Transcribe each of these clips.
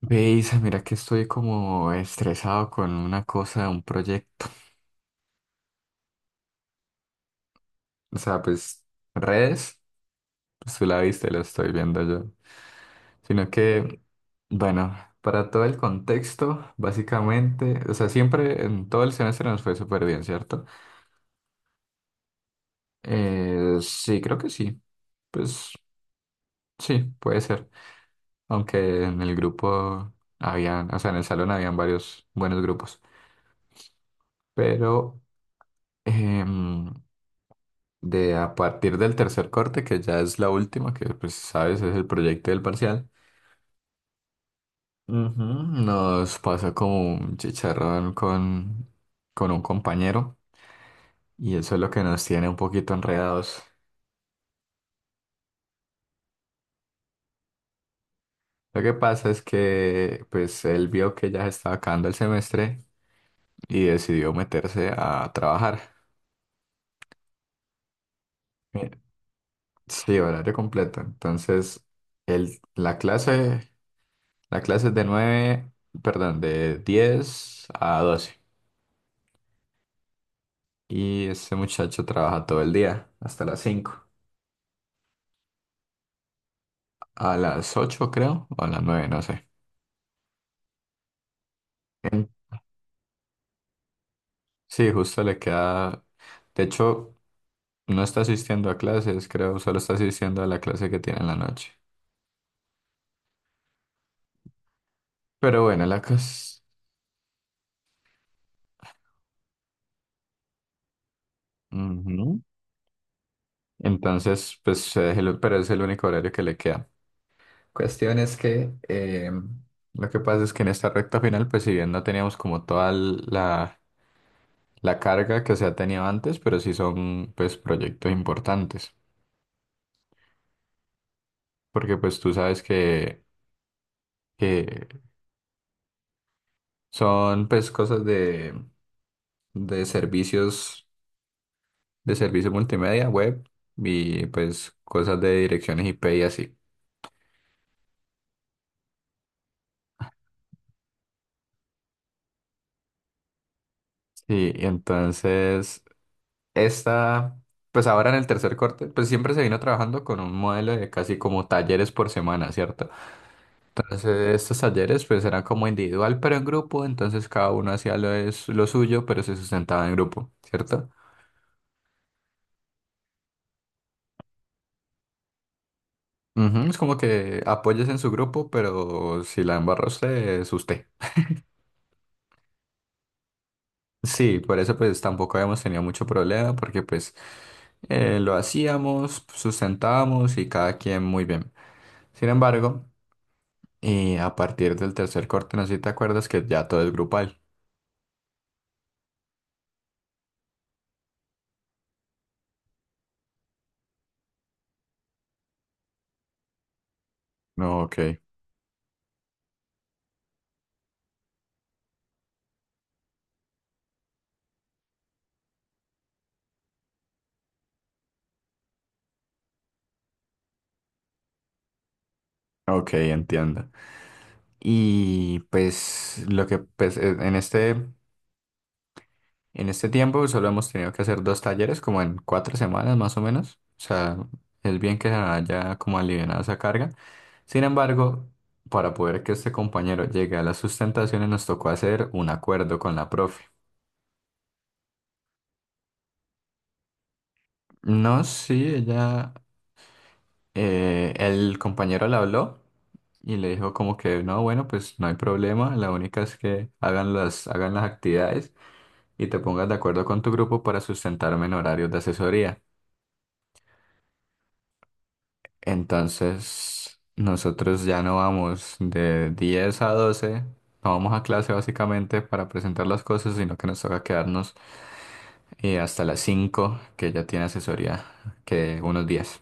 Veis, mira que estoy como estresado con una cosa, un proyecto. O sea, pues redes, pues tú la viste, lo estoy viendo yo. Sino que, bueno, para todo el contexto, básicamente, o sea, siempre en todo el semestre nos fue súper bien, ¿cierto? Sí, creo que sí. Pues sí, puede ser. Aunque en el grupo habían, o sea, en el salón habían varios buenos grupos. Pero... em, de a partir del tercer corte, que ya es la última, que pues sabes, es el proyecto del parcial. Ujú, nos pasa como un chicharrón con un compañero, y eso es lo que nos tiene un poquito enredados. Lo que pasa es que pues él vio que ya se estaba acabando el semestre y decidió meterse a trabajar. Eh, Sí, horario completo. Entonces, el, la clase, la clase es de 9, perdón, de 10 a 12. Y este muchacho trabaja todo el día, hasta las 5. A las 8 creo, o a las 9 no sé. En- Sí, justo le queda. De hecho, no está asistiendo a clases, creo, solo está asistiendo a la clase que tiene en la noche. Pero bueno, la cosa. Ujú. Entonces, pues, pero es el único horario que le queda. Cuestión es que lo que pasa es que en esta recta final, pues si bien no teníamos como toda la carga que se ha tenido antes, pero sí son pues proyectos importantes. Porque pues tú sabes que son pues cosas de servicios, de servicio multimedia, web, y pues cosas de direcciones IP y así. Sí, y entonces esta, pues ahora en el tercer corte, pues siempre se vino trabajando con un modelo de casi como talleres por semana, ¿cierto? Entonces estos talleres pues eran como individual pero en grupo, entonces cada uno hacía lo suyo pero se sustentaba en grupo, ¿cierto? Ujú. Es como que apoyes en su grupo, pero si la embarra usted, es usted. Sí, por eso pues tampoco habíamos tenido mucho problema, porque pues lo hacíamos, sustentábamos y cada quien muy bien. Sin embargo, y a partir del tercer corte, no sé si te acuerdas que ya todo es grupal. No, ok, ok, entiendo. Y pues lo que pues, en este tiempo solo hemos tenido que hacer dos talleres, como en 4 semanas más o menos. O sea, es bien que se haya como alivianado esa carga. Sin embargo, para poder que este compañero llegue a las sustentaciones, nos tocó hacer un acuerdo con la profe. No, sí, ella, el compañero le habló y le dijo como que no, bueno, pues no hay problema, la única es que hagan las actividades y te pongas de acuerdo con tu grupo para sustentarme en horarios de asesoría. Entonces, nosotros ya no vamos de 10 a 12, no vamos a clase básicamente para presentar las cosas, sino que nos toca quedarnos hasta las 5 que ya tiene asesoría, que unos días.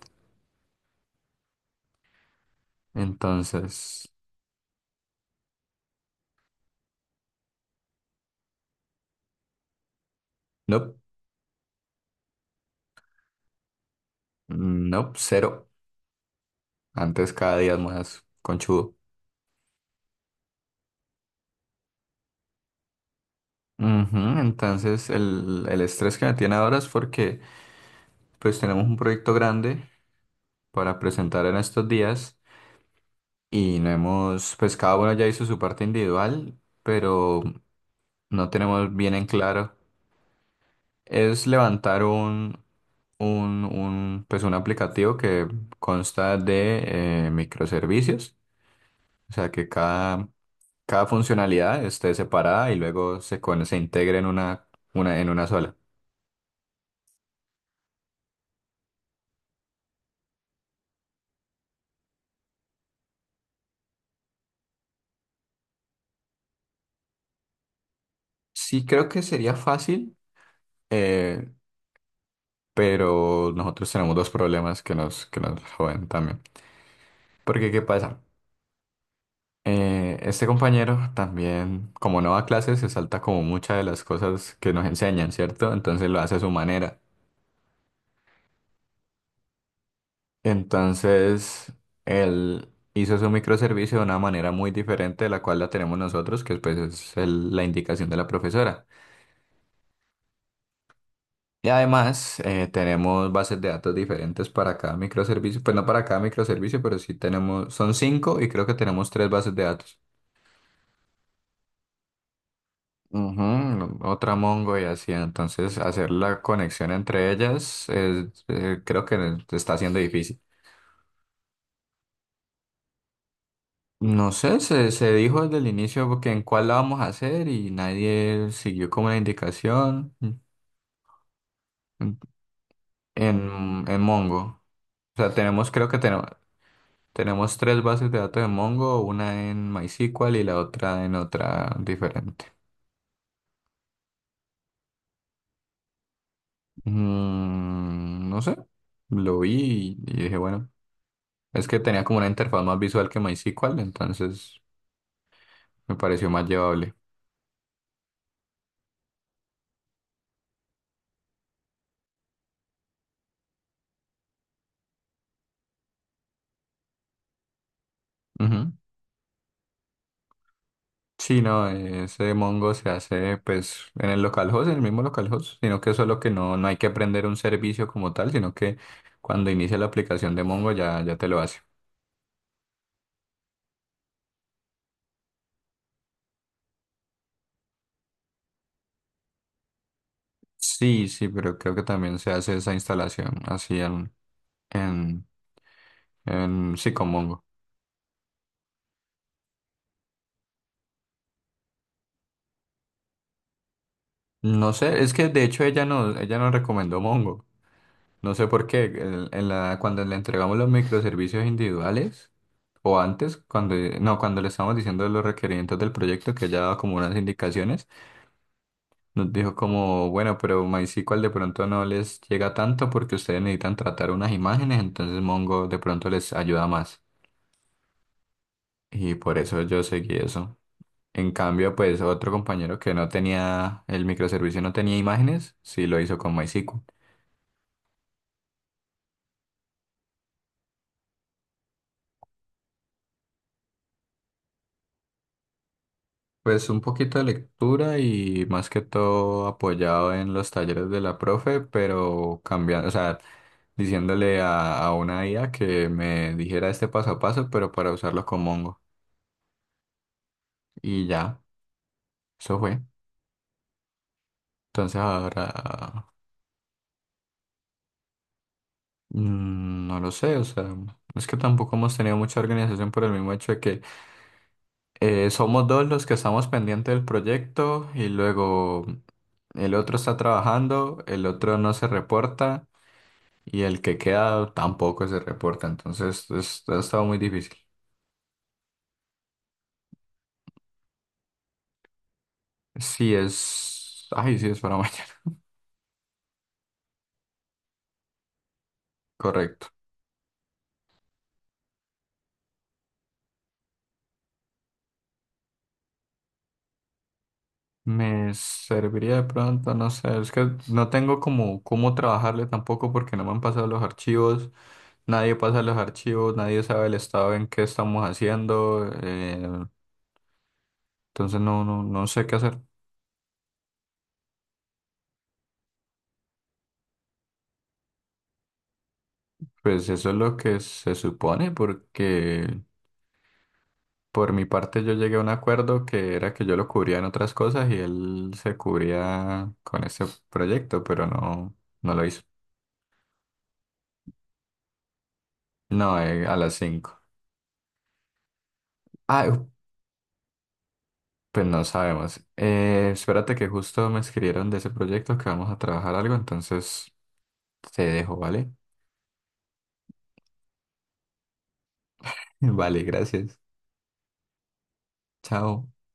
Entonces, no, no, cero. Antes cada día es más conchudo. Ujú. Entonces, el estrés que me tiene ahora es porque pues tenemos un proyecto grande para presentar en estos días, y no hemos, pues cada uno ya hizo su parte individual, pero no tenemos bien en claro. Es levantar pues un aplicativo que consta de microservicios, o sea que cada funcionalidad esté separada y luego se integre en en una sola. Sí creo que sería fácil, eh, pero nosotros tenemos dos problemas que nos joden también. Porque, ¿qué pasa? Este compañero también, como no va a clases, se salta como muchas de las cosas que nos enseñan, ¿cierto? Entonces lo hace a su manera. Entonces, él hizo su microservicio de una manera muy diferente de la cual la tenemos nosotros, que pues es la indicación de la profesora. Y además, tenemos bases de datos diferentes para cada microservicio, pues no para cada microservicio, pero sí tenemos, son cinco y creo que tenemos tres bases de datos. Ujú. Otra Mongo y así, entonces hacer la conexión entre ellas es, creo que está siendo difícil. No sé, se dijo desde el inicio que en cuál la vamos a hacer y nadie siguió como la indicación en, en Mongo. O sea, tenemos, creo que tenemos, tenemos tres bases de datos de Mongo, una en MySQL y la otra en otra diferente. Mm, no sé, lo vi y dije, bueno. Es que tenía como una interfaz más visual que MySQL, entonces me pareció más llevable. Ujú. Sí, no, ese Mongo se hace pues en el localhost, en el mismo localhost, sino que solo que no, no hay que aprender un servicio como tal, sino que cuando inicia la aplicación de Mongo ya, ya te lo hace. Sí, sí, pero creo que también se hace esa instalación así en, en sí, con Mongo. No sé, es que de hecho ella no, ella nos recomendó Mongo. No sé por qué, cuando le entregamos los microservicios individuales, o antes, cuando, no, cuando le estábamos diciendo los requerimientos del proyecto, que ya daba como unas indicaciones, nos dijo como, bueno, pero MySQL de pronto no les llega tanto porque ustedes necesitan tratar unas imágenes, entonces Mongo de pronto les ayuda más. Y por eso yo seguí eso. En cambio, pues otro compañero que no tenía el microservicio, no tenía imágenes, sí lo hizo con MySQL. Pues un poquito de lectura y más que todo apoyado en los talleres de la profe, pero cambiando, o sea, diciéndole a una IA que me dijera este paso a paso, pero para usarlo con Mongo. Y ya, eso fue. Entonces ahora, no lo sé, o sea, es que tampoco hemos tenido mucha organización por el mismo hecho de que somos dos los que estamos pendientes del proyecto, y luego el otro está trabajando, el otro no se reporta. Y el que queda tampoco se reporta, entonces ha estado muy difícil. Ay, sí es para mañana, correcto. Me serviría de pronto, no sé, es que no tengo como cómo trabajarle tampoco porque no me han pasado los archivos, nadie pasa los archivos, nadie sabe el estado en que estamos haciendo, entonces no, no, no sé qué hacer. Pues eso es lo que se supone porque, por mi parte, yo llegué a un acuerdo que era que yo lo cubría en otras cosas y él se cubría con ese proyecto, pero no, no lo hizo. No, a las 5. Ah, pues no sabemos. Espérate que justo me escribieron de ese proyecto que vamos a trabajar algo, entonces te dejo, ¿vale? Vale, gracias. Chao.